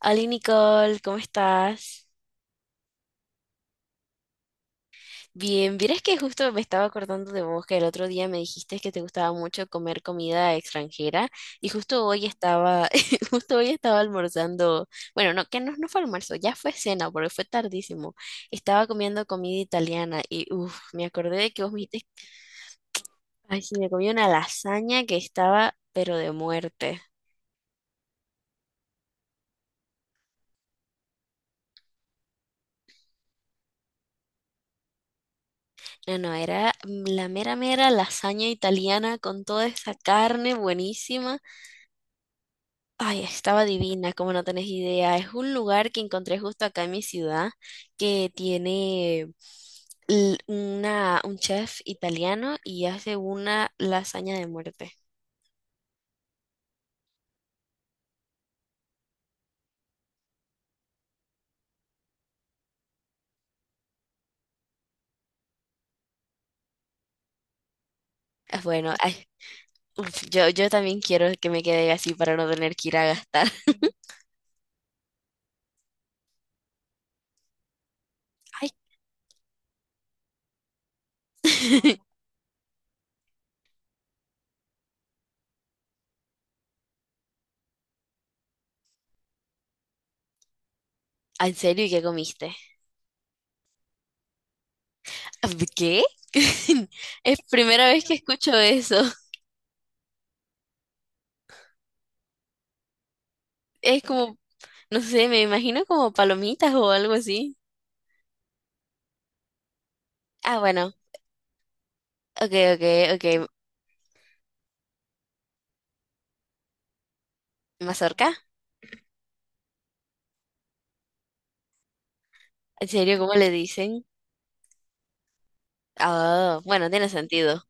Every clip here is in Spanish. Hola Nicole, ¿cómo estás? Bien, vieras que justo me estaba acordando de vos que el otro día me dijiste que te gustaba mucho comer comida extranjera y justo hoy estaba, justo hoy estaba almorzando, bueno, no, que no, no fue almuerzo, ya fue cena porque fue tardísimo. Estaba comiendo comida italiana y uff, me acordé de que vos me dijiste, ay, sí, me comí una lasaña que estaba pero de muerte. No, no, era la mera mera lasaña italiana con toda esa carne buenísima. Ay, estaba divina, como no tenés idea. Es un lugar que encontré justo acá en mi ciudad que tiene una, un chef italiano y hace una lasaña de muerte. Ah, bueno, ay, uf, yo también quiero que me quede así para no tener que ir a gastar. Ay, ah, ¿en serio? ¿Y qué comiste? ¿Qué? Es primera vez que escucho eso. Es como, no sé, me imagino como palomitas o algo así. Ah, bueno, ok, ok, ok. ¿Mazorca? ¿En serio? ¿Cómo le dicen? Ah, bueno, tiene sentido.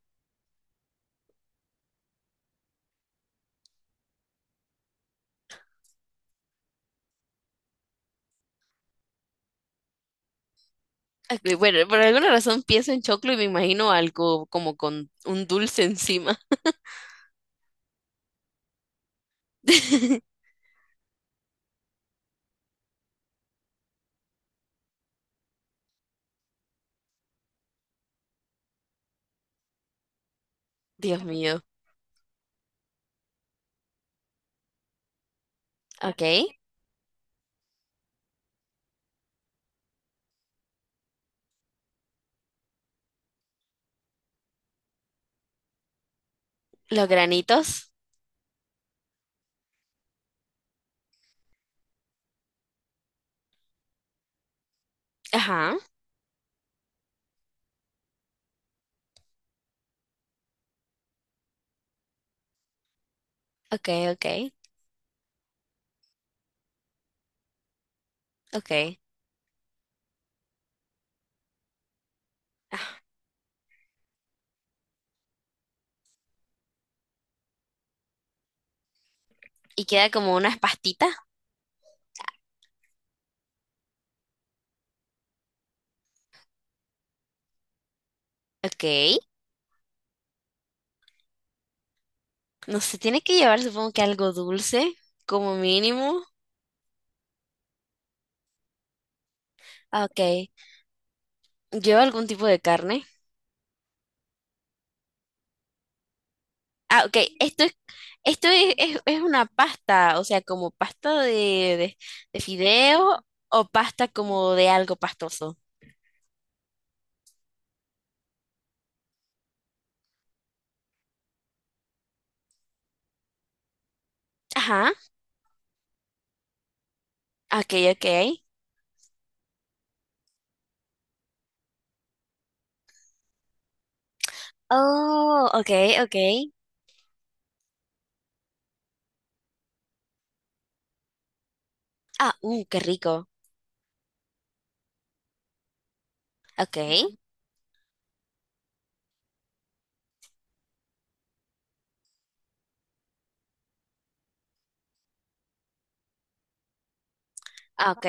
Ok, bueno, por alguna razón pienso en choclo y me imagino algo como con un dulce encima. Dios mío. Ok. Los granitos. Ajá. Ok, ok, ok. Y queda como unas pastitas. Ok. No se tiene que llevar, supongo que algo dulce, como mínimo. Ah, ok. ¿Lleva algún tipo de carne? Ah, ok. Esto es, es una pasta, o sea, como pasta de de fideo o pasta como de algo pastoso. Ajá, ok, ok. Oh, ok, ok. Ah, qué rico. Ok, ah, ok.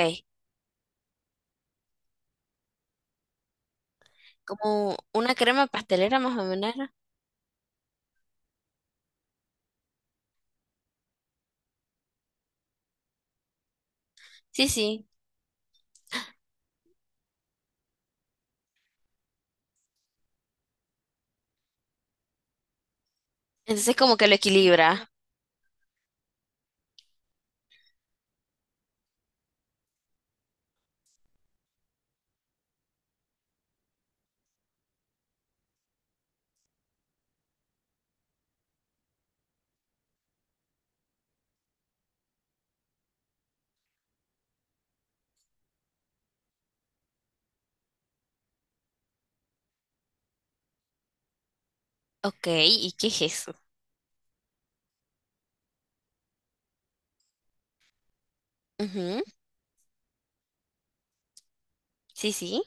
Como una crema pastelera más o menos, ¿no? Sí, sí. Entonces como que lo equilibra. Ok, ¿y qué es eso? Ujú, sí, sí.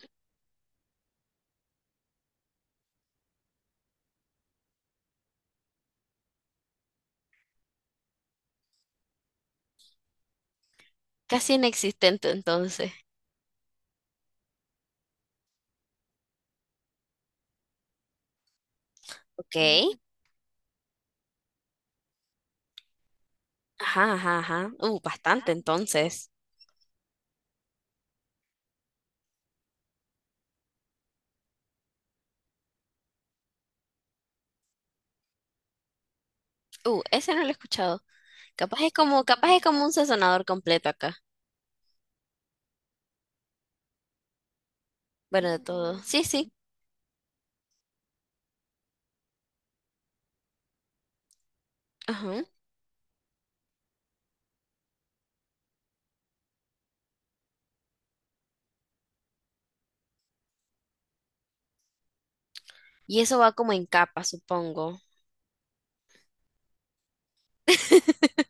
Casi inexistente entonces. Ok. Ajá, ajá, ajá. Bastante entonces. Ese no lo he escuchado. Capaz es como un sazonador completo acá. Bueno, de todo. Sí, sí. Ajá. Y eso va como en capa, supongo.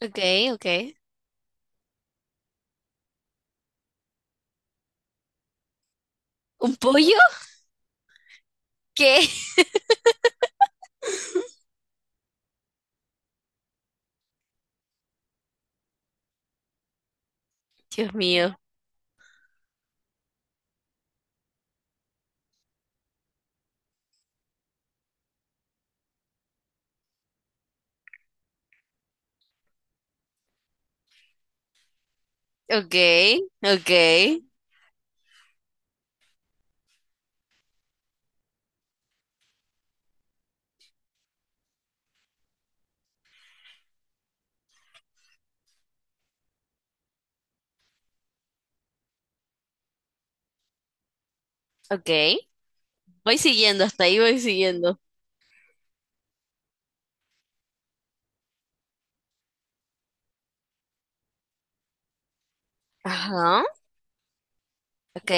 Ok, ok. ¿Un pollo? ¿Qué? Dios mío. Ok, ok, ok. Voy siguiendo, hasta ahí voy siguiendo. Ajá. Ok,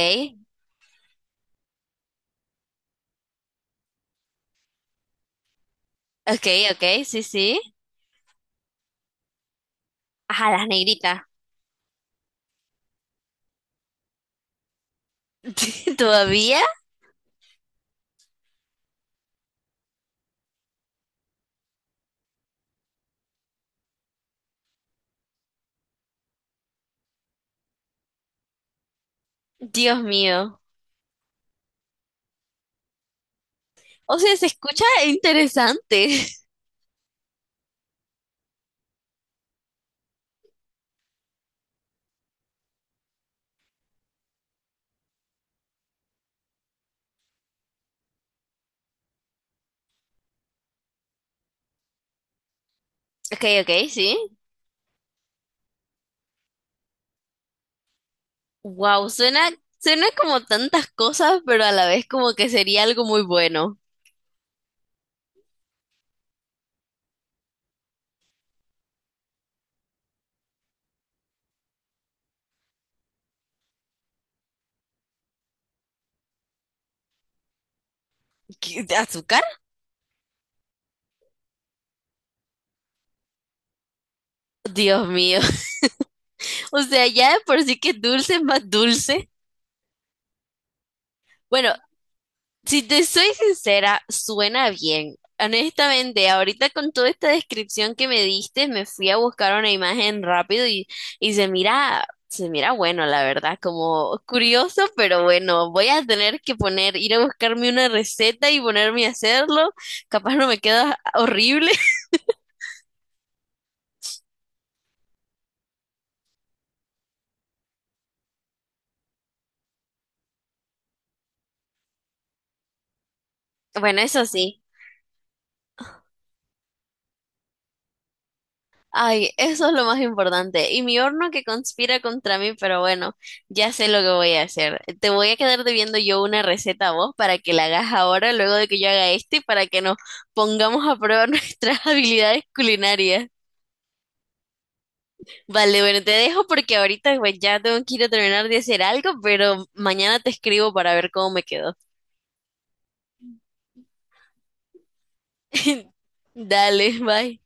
ok, ok, sí, sí. Ajá, las negritas. ¿Todavía? Dios mío. O sea, se escucha interesante. Ok, ok, sí. Wow, suena, suena como tantas cosas, pero a la vez como que sería algo muy bueno. ¿Qué? ¿De azúcar? Dios mío. O sea, ya de por sí que dulce es más dulce. Bueno, si te soy sincera, suena bien. Honestamente, ahorita con toda esta descripción que me diste, me fui a buscar una imagen rápido y se mira bueno, la verdad, como curioso, pero bueno, voy a tener que poner, ir a buscarme una receta y ponerme a hacerlo. Capaz no me queda horrible. Bueno, eso sí. Ay, eso es lo más importante. Y mi horno que conspira contra mí, pero bueno, ya sé lo que voy a hacer. Te voy a quedar debiendo yo una receta a vos para que la hagas ahora, luego de que yo haga este, y para que nos pongamos a prueba nuestras habilidades culinarias. Vale, bueno, te dejo porque ahorita pues, ya tengo que ir a terminar de hacer algo, pero mañana te escribo para ver cómo me quedó. Dale, bye.